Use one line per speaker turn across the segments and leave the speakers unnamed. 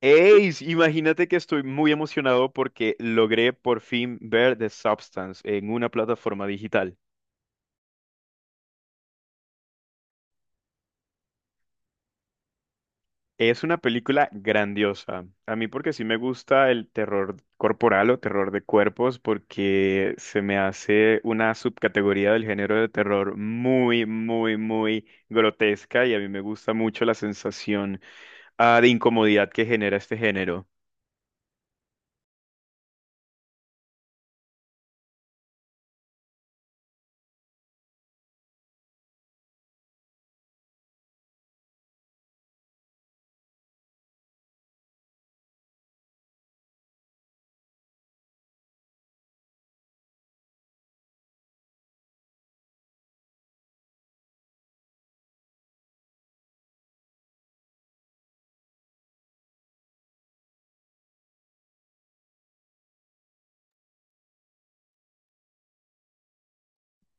Ey, sí, imagínate que estoy muy emocionado porque logré por fin ver The Substance en una plataforma digital. Es una película grandiosa. A mí porque sí me gusta el terror corporal o terror de cuerpos porque se me hace una subcategoría del género de terror muy, muy, muy grotesca y a mí me gusta mucho la sensación, de incomodidad que genera este género.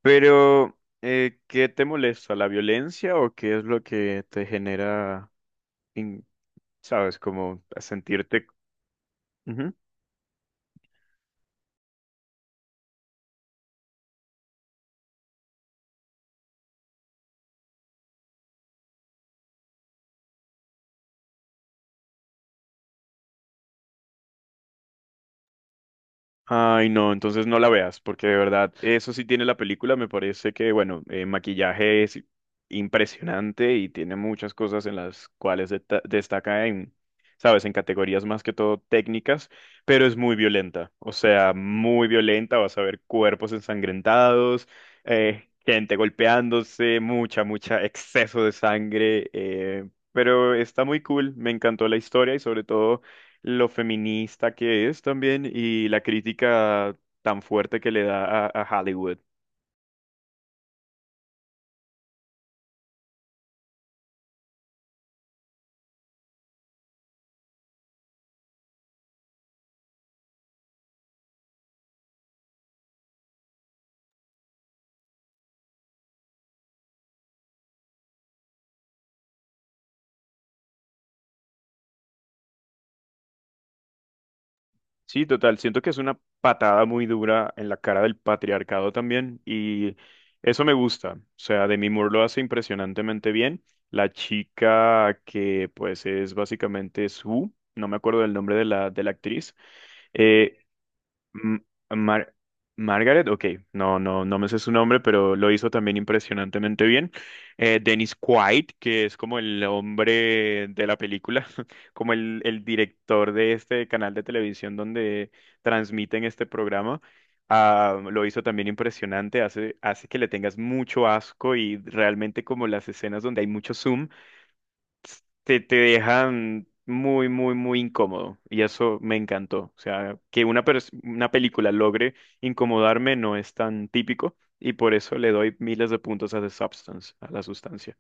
Pero, ¿qué te molesta? ¿La violencia o qué es lo que te genera? in- ¿Sabes? Como a sentirte... Ujú. Ay, no, entonces no la veas, porque de verdad, eso sí tiene la película, me parece que, bueno, maquillaje es impresionante y tiene muchas cosas en las cuales destaca en, ¿sabes? En categorías más que todo técnicas, pero es muy violenta, o sea, muy violenta, vas a ver cuerpos ensangrentados, gente golpeándose, mucha, mucha exceso de sangre, pero está muy cool, me encantó la historia y sobre todo... lo feminista que es también y la crítica tan fuerte que le da a Hollywood. Sí, total, siento que es una patada muy dura en la cara del patriarcado también y eso me gusta. O sea, Demi Moore lo hace impresionantemente bien. La chica que pues es básicamente su, no me acuerdo del nombre de la actriz, eh, M- Mar- Margaret, ok, no me sé su nombre, pero lo hizo también impresionantemente bien. Dennis Quaid, que es como el hombre de la película, como el director de este canal de televisión donde transmiten este programa, lo hizo también impresionante, hace, hace que le tengas mucho asco y realmente como las escenas donde hay mucho zoom te dejan muy, muy, muy incómodo. Y eso me encantó. O sea, que una película logre incomodarme no es tan típico. Y por eso le doy miles de puntos a The Substance, a la sustancia.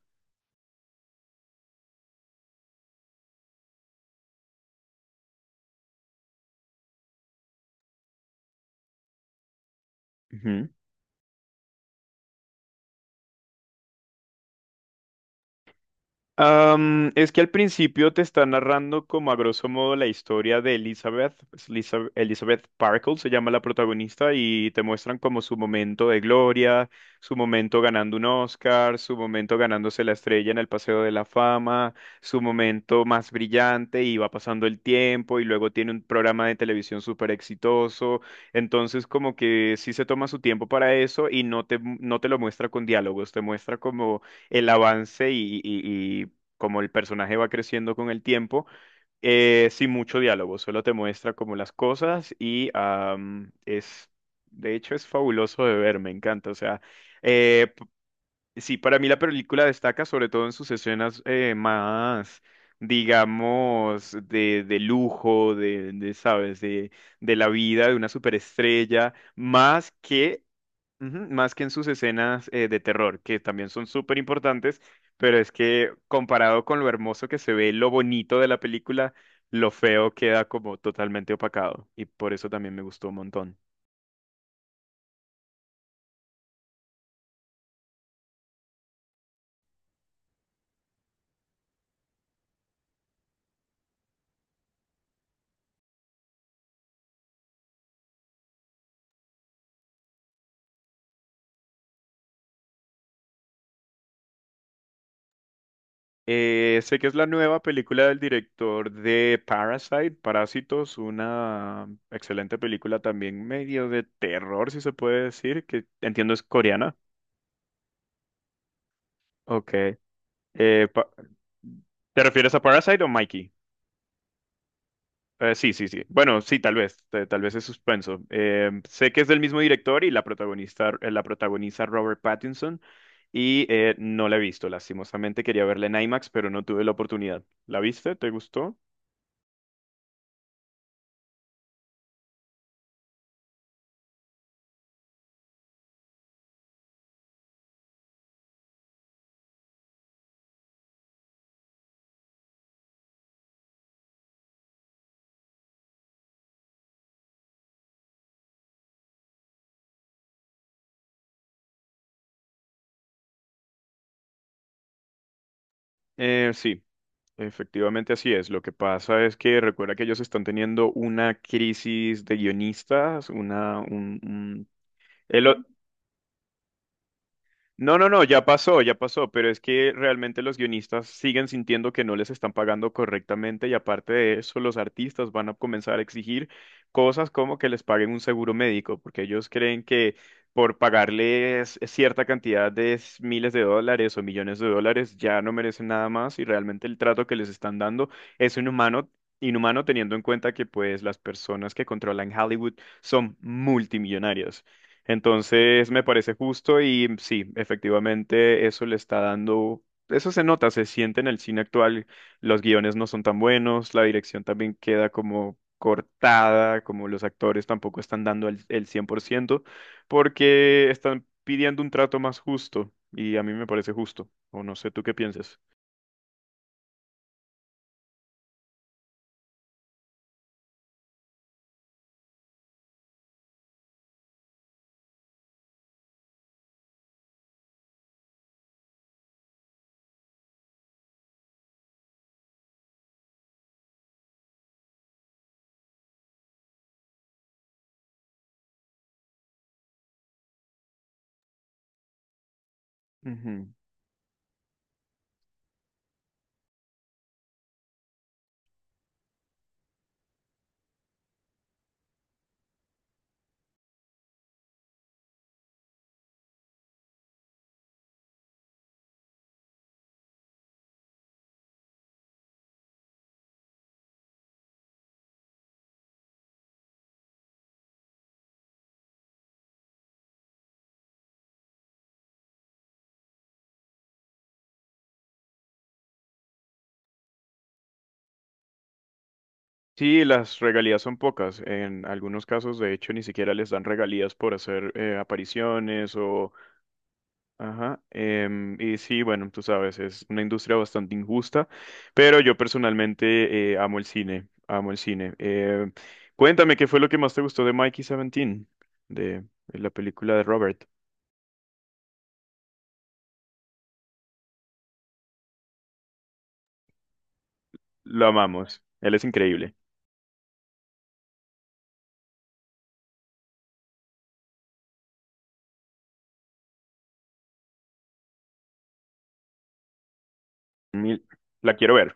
Es que al principio te está narrando como a grosso modo la historia de Elizabeth, pues, Elizabeth Parkle se llama la protagonista y te muestran como su momento de gloria, su momento ganando un Oscar, su momento ganándose la estrella en el Paseo de la Fama, su momento más brillante y va pasando el tiempo y luego tiene un programa de televisión súper exitoso, entonces como que sí se toma su tiempo para eso y no no te lo muestra con diálogos, te muestra como el avance y como el personaje va creciendo con el tiempo, sin mucho diálogo, solo te muestra como las cosas y de hecho, es fabuloso de ver, me encanta. O sea, eh, sí, para mí la película destaca sobre todo en sus escenas más, digamos, de lujo, ¿sabes? De la vida de una superestrella, más que ujú, más que en sus escenas de terror, que también son súper importantes, pero es que comparado con lo hermoso que se ve, lo bonito de la película, lo feo queda como totalmente opacado y por eso también me gustó un montón. Sé que es la nueva película del director de Parasite, Parásitos, una excelente película también medio de terror, si se puede decir, que entiendo es coreana. Ok. Eh, pa- ¿Te refieres a Parasite o Mikey? Sí, sí, sí. Bueno, sí, tal vez es suspenso. Sé que es del mismo director y la protagonista, la protagoniza Robert Pattinson y no la he visto, lastimosamente quería verla en IMAX, pero no tuve la oportunidad. ¿La viste? ¿Te gustó? Sí, efectivamente así es. Lo que pasa es que recuerda que ellos están teniendo una crisis de guionistas, una, un- el- no, no, no, ya pasó, pero es que realmente los guionistas siguen sintiendo que no les están pagando correctamente y aparte de eso, los artistas van a comenzar a exigir cosas como que les paguen un seguro médico, porque ellos creen que por pagarles cierta cantidad miles de dólares o millones de dólares ya no merecen nada más y realmente el trato que les están dando es inhumano. Inhumano teniendo en cuenta que pues las personas que controlan Hollywood son multimillonarias. Entonces me parece justo y sí, efectivamente eso le está dando, eso se nota, se siente en el cine actual, los guiones no son tan buenos, la dirección también queda como cortada, como los actores tampoco están dando el 100% porque están pidiendo un trato más justo y a mí me parece justo, o no sé tú qué piensas. Ujú. Sí, las regalías son pocas. En algunos casos, de hecho, ni siquiera les dan regalías por hacer apariciones o ajá, y sí, bueno, tú sabes, es una industria bastante injusta, pero yo personalmente amo el cine, amo el cine. Cuéntame, ¿qué fue lo que más te gustó de Mikey 17, de, de la película de Robert? Lo amamos, él es increíble. Mil- la quiero ver.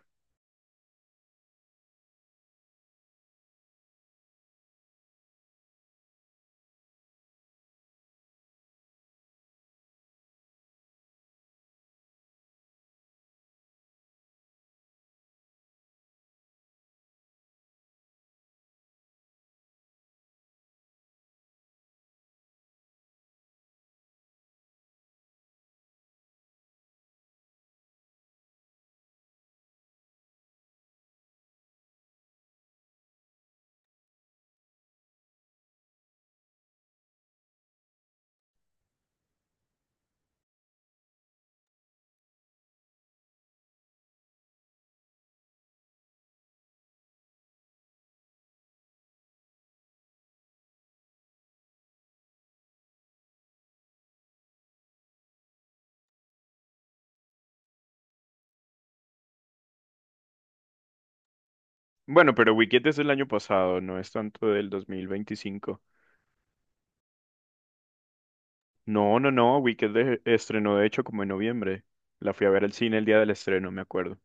Bueno, pero Wicked es del año pasado, no es tanto del 2025. No, no, no, Wicked estrenó de hecho como en noviembre. La fui a ver al cine el día del estreno, me acuerdo.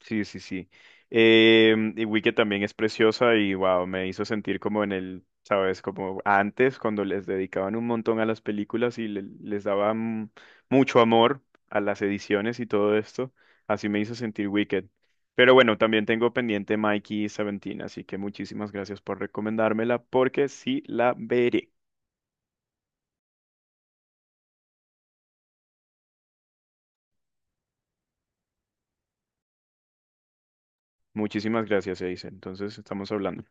Sí, sí, sí. Y Wicked también es preciosa y wow, me hizo sentir como en el, sabes, como antes cuando les dedicaban un montón a las películas y les daban mucho amor a las ediciones y todo esto. Así me hizo sentir Wicked. Pero bueno, también tengo pendiente Mikey y Seventeen, así que muchísimas gracias por recomendármela porque sí la veré. Muchísimas gracias, dice. Entonces estamos hablando.